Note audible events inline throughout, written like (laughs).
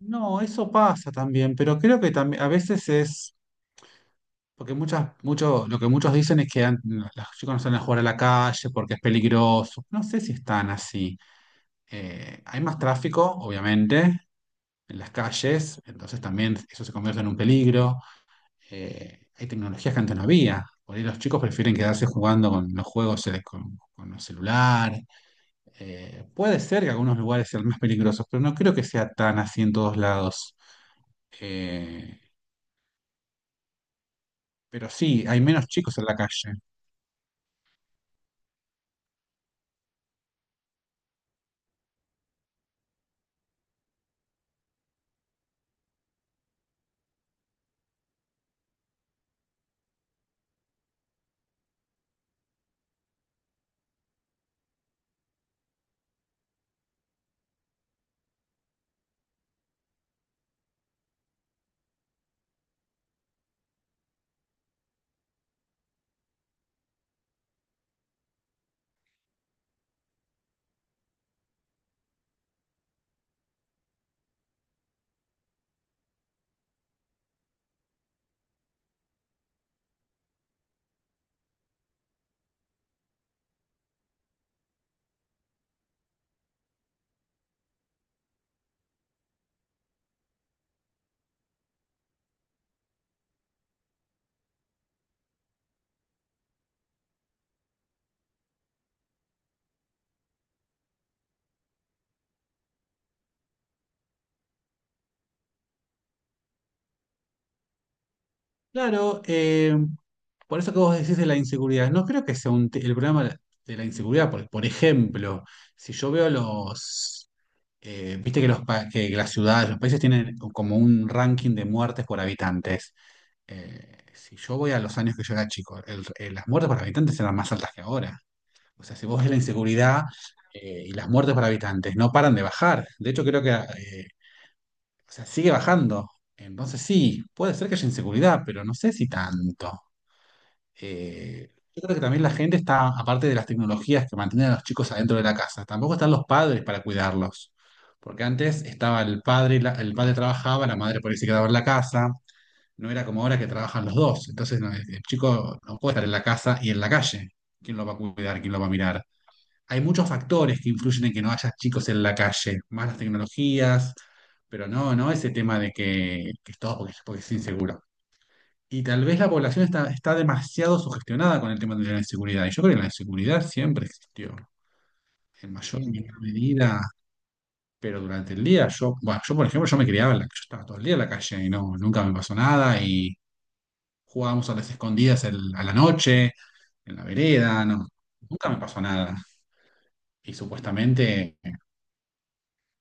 No, eso pasa también, pero creo que también a veces es, porque muchas, mucho, lo que muchos dicen es que los chicos no salen a jugar a la calle porque es peligroso. No sé si están así. Hay más tráfico, obviamente, en las calles, entonces también eso se convierte en un peligro. Hay tecnologías que antes no había. Por ahí los chicos prefieren quedarse jugando con los juegos, con el celular. Puede ser que algunos lugares sean más peligrosos, pero no creo que sea tan así en todos lados. Eh, Pero sí, hay menos chicos en la calle. Claro. Por eso que vos decís de la inseguridad, no creo que sea el problema de la inseguridad, porque, por ejemplo, si yo veo los, viste que, que las ciudades, los países tienen como un ranking de muertes por habitantes. Si yo voy a los años que yo era chico, las muertes por habitantes eran más altas que ahora. O sea, si vos ves la inseguridad y las muertes por habitantes, no paran de bajar. De hecho, creo que sigue bajando. Entonces sí, puede ser que haya inseguridad, pero no sé si tanto. Yo creo que también la gente está, aparte de las tecnologías que mantienen a los chicos adentro de la casa, tampoco están los padres para cuidarlos. Porque antes estaba el padre, y el padre trabajaba, la madre por ahí se quedaba en la casa. No era como ahora que trabajan los dos. Entonces no, el chico no puede estar en la casa y en la calle. ¿Quién lo va a cuidar? ¿Quién lo va a mirar? Hay muchos factores que influyen en que no haya chicos en la calle, más las tecnologías, pero no ese tema de que es todo porque, porque es inseguro. Y tal vez la población está demasiado sugestionada con el tema de la inseguridad. Y yo creo que la inseguridad siempre existió, en mayor o menor medida, pero durante el día, yo, bueno, yo por ejemplo, yo me criaba, yo estaba todo el día en la calle y no, nunca me pasó nada, y jugábamos a las escondidas a la noche, en la vereda, no, nunca me pasó nada. Y supuestamente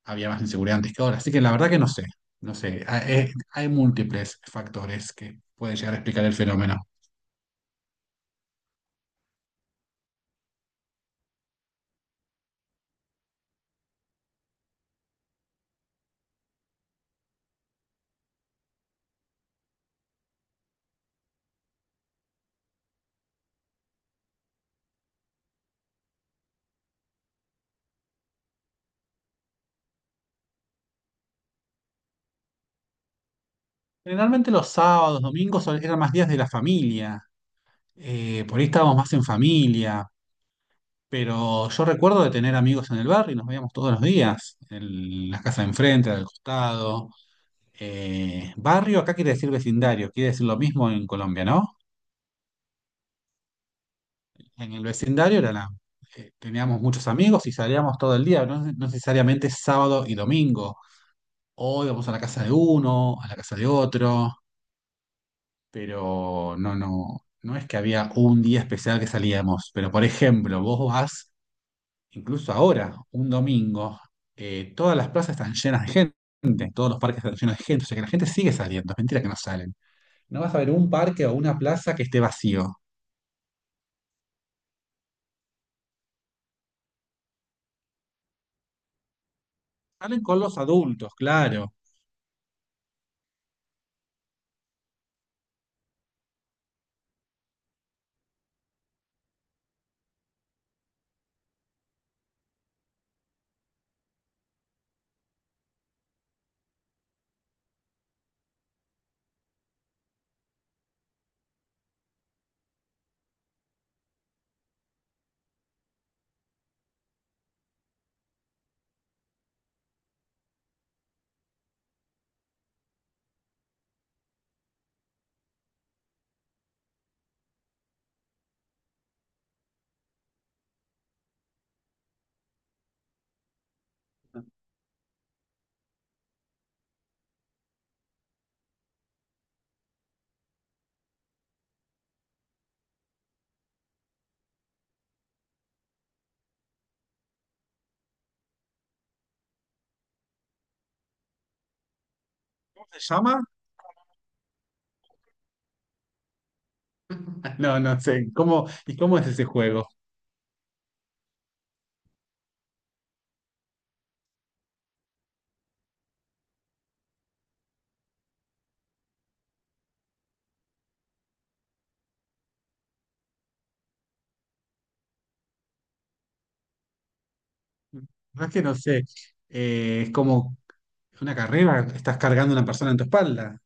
había más inseguridad antes que ahora. Así que la verdad que no sé, no sé. Hay, hay múltiples factores que pueden llegar a explicar el fenómeno. Generalmente los sábados, domingos eran más días de la familia. Por ahí estábamos más en familia. Pero yo recuerdo de tener amigos en el barrio y nos veíamos todos los días, en la casa de enfrente, al costado. Barrio acá quiere decir vecindario, quiere decir lo mismo en Colombia, ¿no? En el vecindario era teníamos muchos amigos y salíamos todo el día, no necesariamente sábado y domingo. O íbamos a la casa de uno, a la casa de otro, pero no es que había un día especial que salíamos. Pero por ejemplo, vos vas, incluso ahora, un domingo, todas las plazas están llenas de gente, todos los parques están llenos de gente, o sea que la gente sigue saliendo, es mentira que no salen. No vas a ver un parque o una plaza que esté vacío. Salen con los adultos, claro. ¿Cómo se llama? (laughs) No, no sé. ¿Cómo, y cómo es ese juego? No, es que no sé. Es como Es una carrera, estás cargando una persona en tu espalda.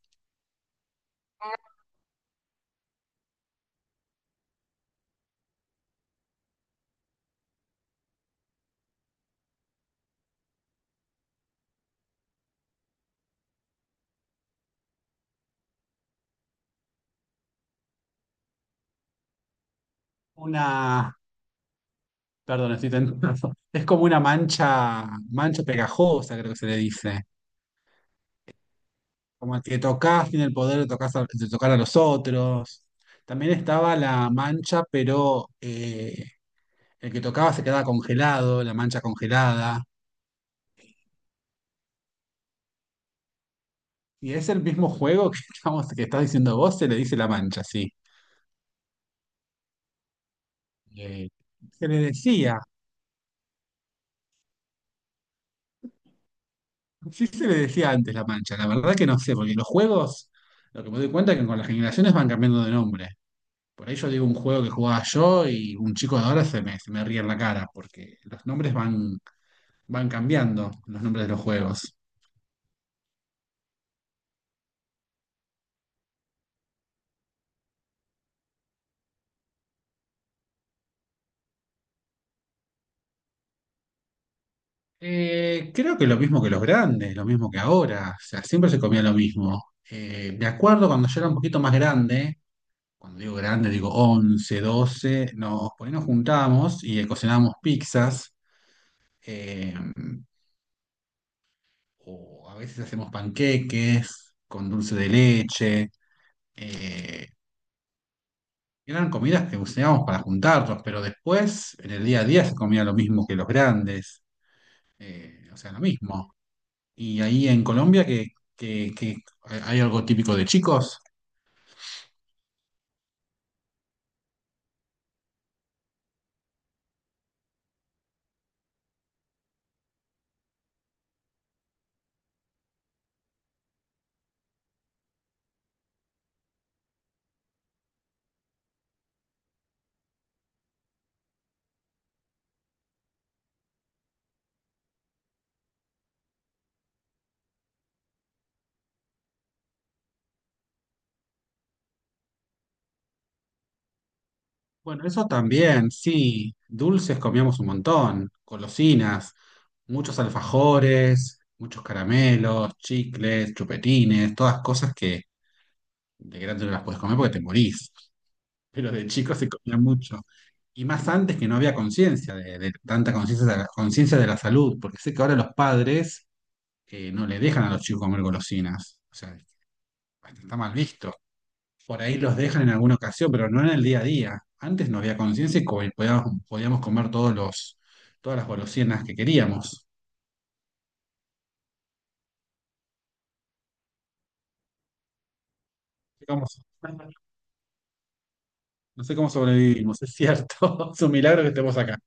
Una, perdón, estoy tentado. (laughs) Es como una mancha, mancha pegajosa, creo que se le dice. Como que tocas, tiene el poder de tocar a los otros. También estaba la mancha, pero el que tocaba se quedaba congelado, la mancha congelada. Y es el mismo juego (laughs) que estás diciendo vos, se le dice la mancha, sí. Eh, se le decía. Sí, se le decía antes La Mancha, la verdad que no sé, porque los juegos, lo que me doy cuenta es que con las generaciones van cambiando de nombre. Por ahí yo digo un juego que jugaba yo y un chico de ahora se me ríe en la cara, porque los nombres van, van cambiando, los nombres de los juegos. Creo que lo mismo que los grandes, lo mismo que ahora, o sea, siempre se comía lo mismo. Me acuerdo cuando yo era un poquito más grande, cuando digo grande digo 11 12 nos, por ahí nos juntábamos y cocinábamos pizzas. Eh, o a veces hacemos panqueques con dulce de leche. eh, Eran comidas que usábamos para juntarnos, pero después, en el día a día, se comía lo mismo que los grandes, o sea, lo mismo. Y ahí en Colombia, que hay algo típico de chicos. Bueno, eso también, sí, dulces comíamos un montón, golosinas, muchos alfajores, muchos caramelos, chicles, chupetines, todas cosas que de grande no las puedes comer porque te morís. Pero de chico se comía mucho. Y más antes que no había conciencia, de tanta conciencia conciencia de la salud, porque sé que ahora los padres no le dejan a los chicos comer golosinas. O sea, hasta está mal visto. Por ahí los dejan en alguna ocasión, pero no en el día a día. Antes no había conciencia y y podíamos comer todas las golosinas que queríamos. No sé cómo no sé cómo sobrevivimos, es cierto. (laughs) Es un milagro que estemos acá.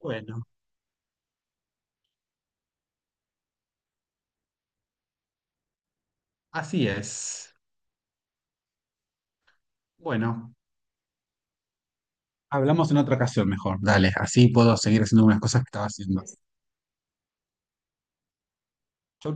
Bueno, así es. Bueno. Hablamos en otra ocasión mejor. Dale, así puedo seguir haciendo unas cosas que estaba haciendo. Chau,